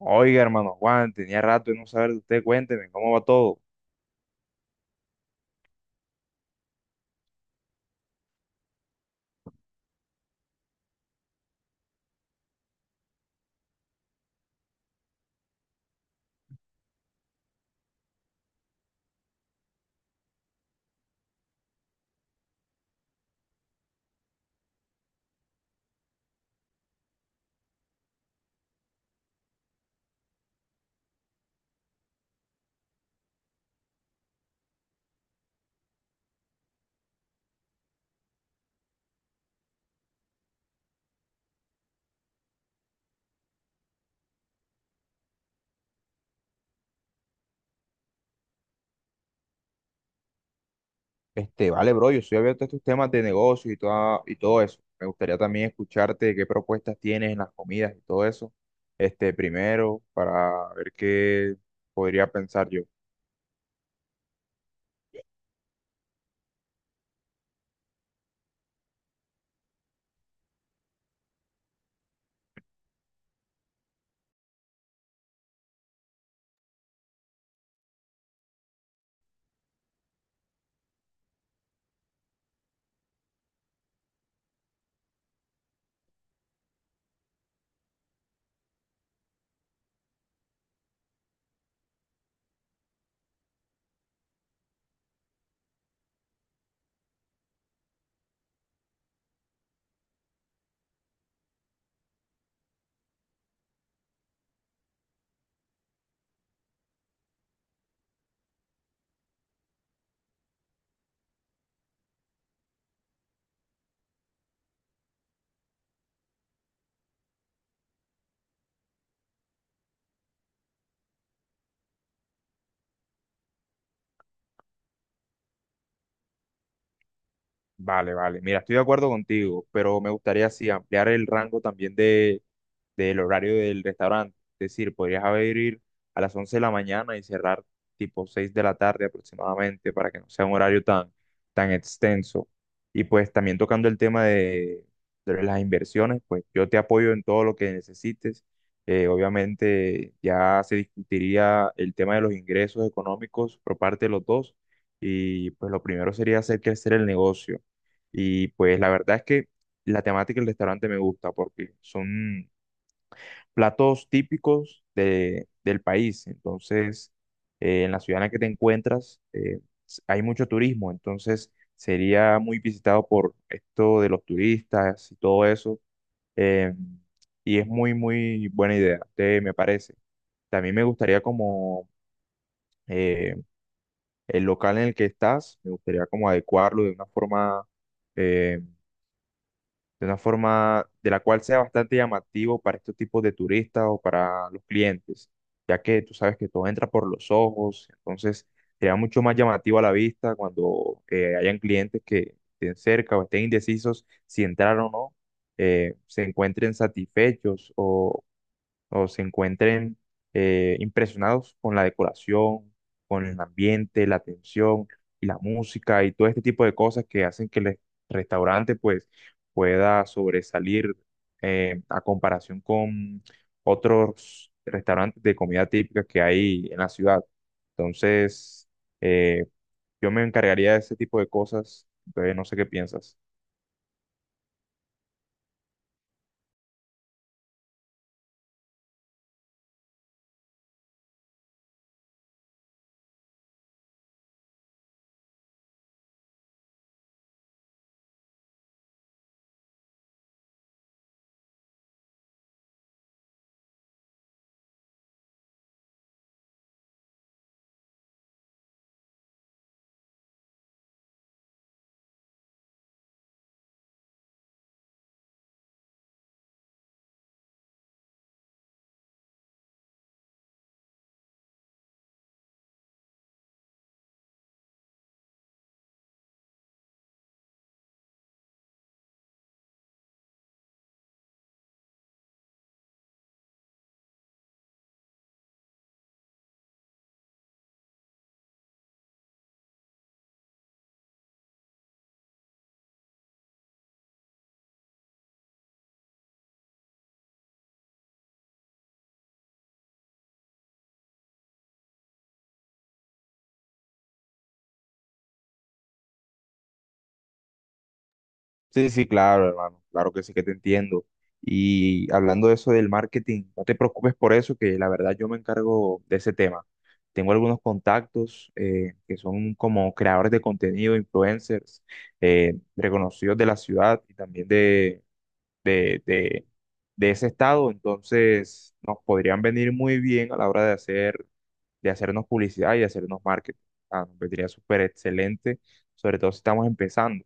Oiga, hermano Juan, tenía rato de no saber de usted, cuénteme, ¿cómo va todo? Vale, bro, yo estoy abierto a estos temas de negocio y todo eso. Me gustaría también escucharte qué propuestas tienes en las comidas y todo eso. Este, primero, para ver qué podría pensar yo. Vale, vale, mira, estoy de acuerdo contigo, pero me gustaría sí ampliar el rango también de del horario del restaurante. Es decir, podrías abrir a las 11 de la mañana y cerrar tipo 6 de la tarde aproximadamente para que no sea un horario tan extenso. Y pues también tocando el tema de las inversiones, pues yo te apoyo en todo lo que necesites. Obviamente ya se discutiría el tema de los ingresos económicos por parte de los dos y pues lo primero sería hacer crecer el negocio. Y pues la verdad es que la temática del restaurante me gusta porque son platos típicos del país. Entonces, en la ciudad en la que te encuentras, hay mucho turismo, entonces sería muy visitado por esto de los turistas y todo eso. eh, y es muy, muy buena idea, me parece. También me gustaría como eh, el local en el que estás, me gustaría como adecuarlo eh, de una forma de la cual sea bastante llamativo para estos tipos de turistas o para los clientes, ya que tú sabes que todo entra por los ojos, entonces será mucho más llamativo a la vista cuando hayan clientes que estén cerca o estén indecisos si entrar o no, se encuentren satisfechos o se encuentren impresionados con la decoración, con el ambiente, la atención y la música y todo este tipo de cosas que hacen que el restaurante pues pueda sobresalir a comparación con otros restaurantes de comida típica que hay en la ciudad. Entonces, eh, yo me encargaría de ese tipo de cosas, entonces no sé qué piensas. Sí, sí, claro, hermano, claro que sí que te entiendo. Y hablando de eso del marketing, no te preocupes por eso, que la verdad yo me encargo de ese tema. Tengo algunos contactos que son como creadores de contenido, influencers, reconocidos de la ciudad y también de, de, de ese estado. Entonces, nos podrían venir muy bien a la hora de hacernos publicidad y de hacernos marketing. Ah, nos vendría súper excelente, sobre todo si estamos empezando.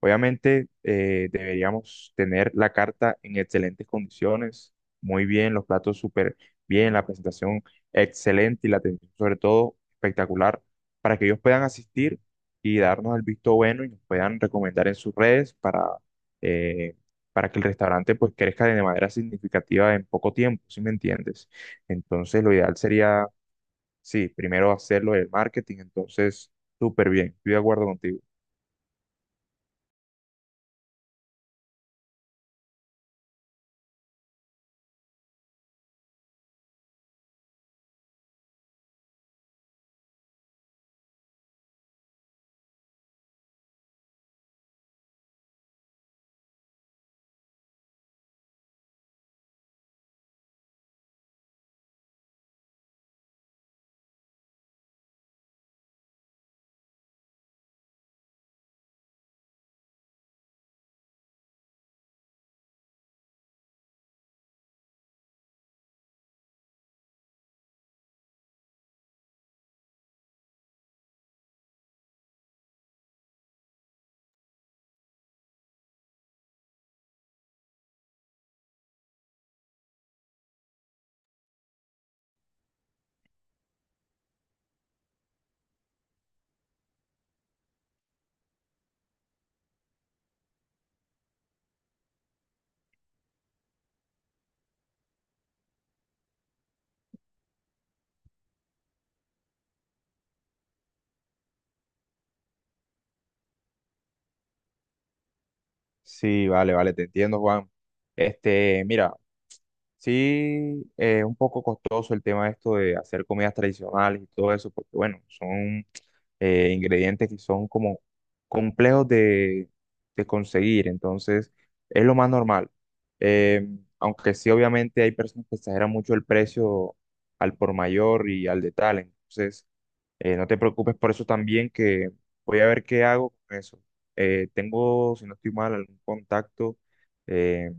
Obviamente deberíamos tener la carta en excelentes condiciones, muy bien, los platos súper bien, la presentación excelente y la atención sobre todo espectacular para que ellos puedan asistir y darnos el visto bueno y nos puedan recomendar en sus redes eh, para que el restaurante pues crezca de manera significativa en poco tiempo, ¿si me entiendes? Entonces lo ideal sería, sí, primero hacerlo el marketing, entonces súper bien, estoy de acuerdo contigo. Sí, vale, vale, te entiendo, Juan. Mira, sí, es un poco costoso el tema esto de hacer comidas tradicionales y todo eso, porque bueno, son ingredientes que son como complejos de conseguir, entonces es lo más normal. Eh, aunque sí, obviamente hay personas que exageran mucho el precio al por mayor y al detalle, entonces no te preocupes por eso también, que voy a ver qué hago con eso. Tengo, si no estoy mal, algún contacto. eh,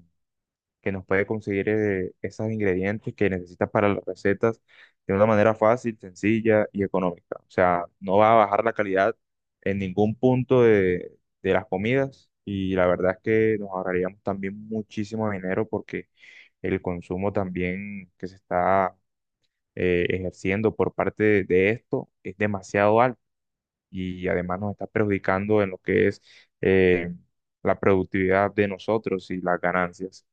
que nos puede conseguir esos ingredientes que necesitas para las recetas de una manera fácil, sencilla y económica. O sea, no va a bajar la calidad en ningún punto de las comidas y la verdad es que nos ahorraríamos también muchísimo dinero porque el consumo también que se está ejerciendo por parte de esto es demasiado alto y además nos está perjudicando en lo que es eh, la productividad de nosotros y las ganancias.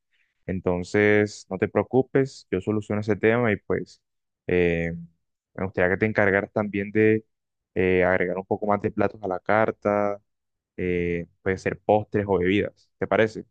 Entonces, no te preocupes, yo soluciono ese tema y pues eh, me gustaría que te encargaras también de agregar un poco más de platos a la carta, puede ser postres o bebidas, ¿te parece?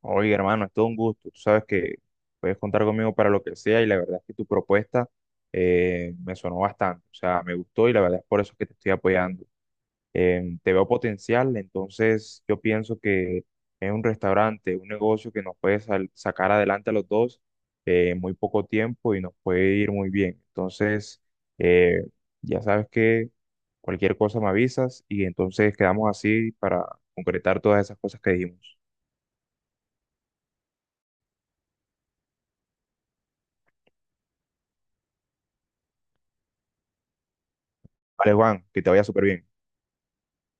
Oye, hermano, es todo un gusto, tú sabes que puedes contar conmigo para lo que sea y la verdad es que tu propuesta me sonó bastante, o sea, me gustó y la verdad es por eso que te estoy apoyando. Te veo potencial, entonces yo pienso que es un restaurante, un negocio que nos puede sacar adelante a los dos en muy poco tiempo y nos puede ir muy bien. Entonces, eh, ya sabes que cualquier cosa me avisas y entonces quedamos así para concretar todas esas cosas que dijimos. Vale, Juan, que te vaya súper bien.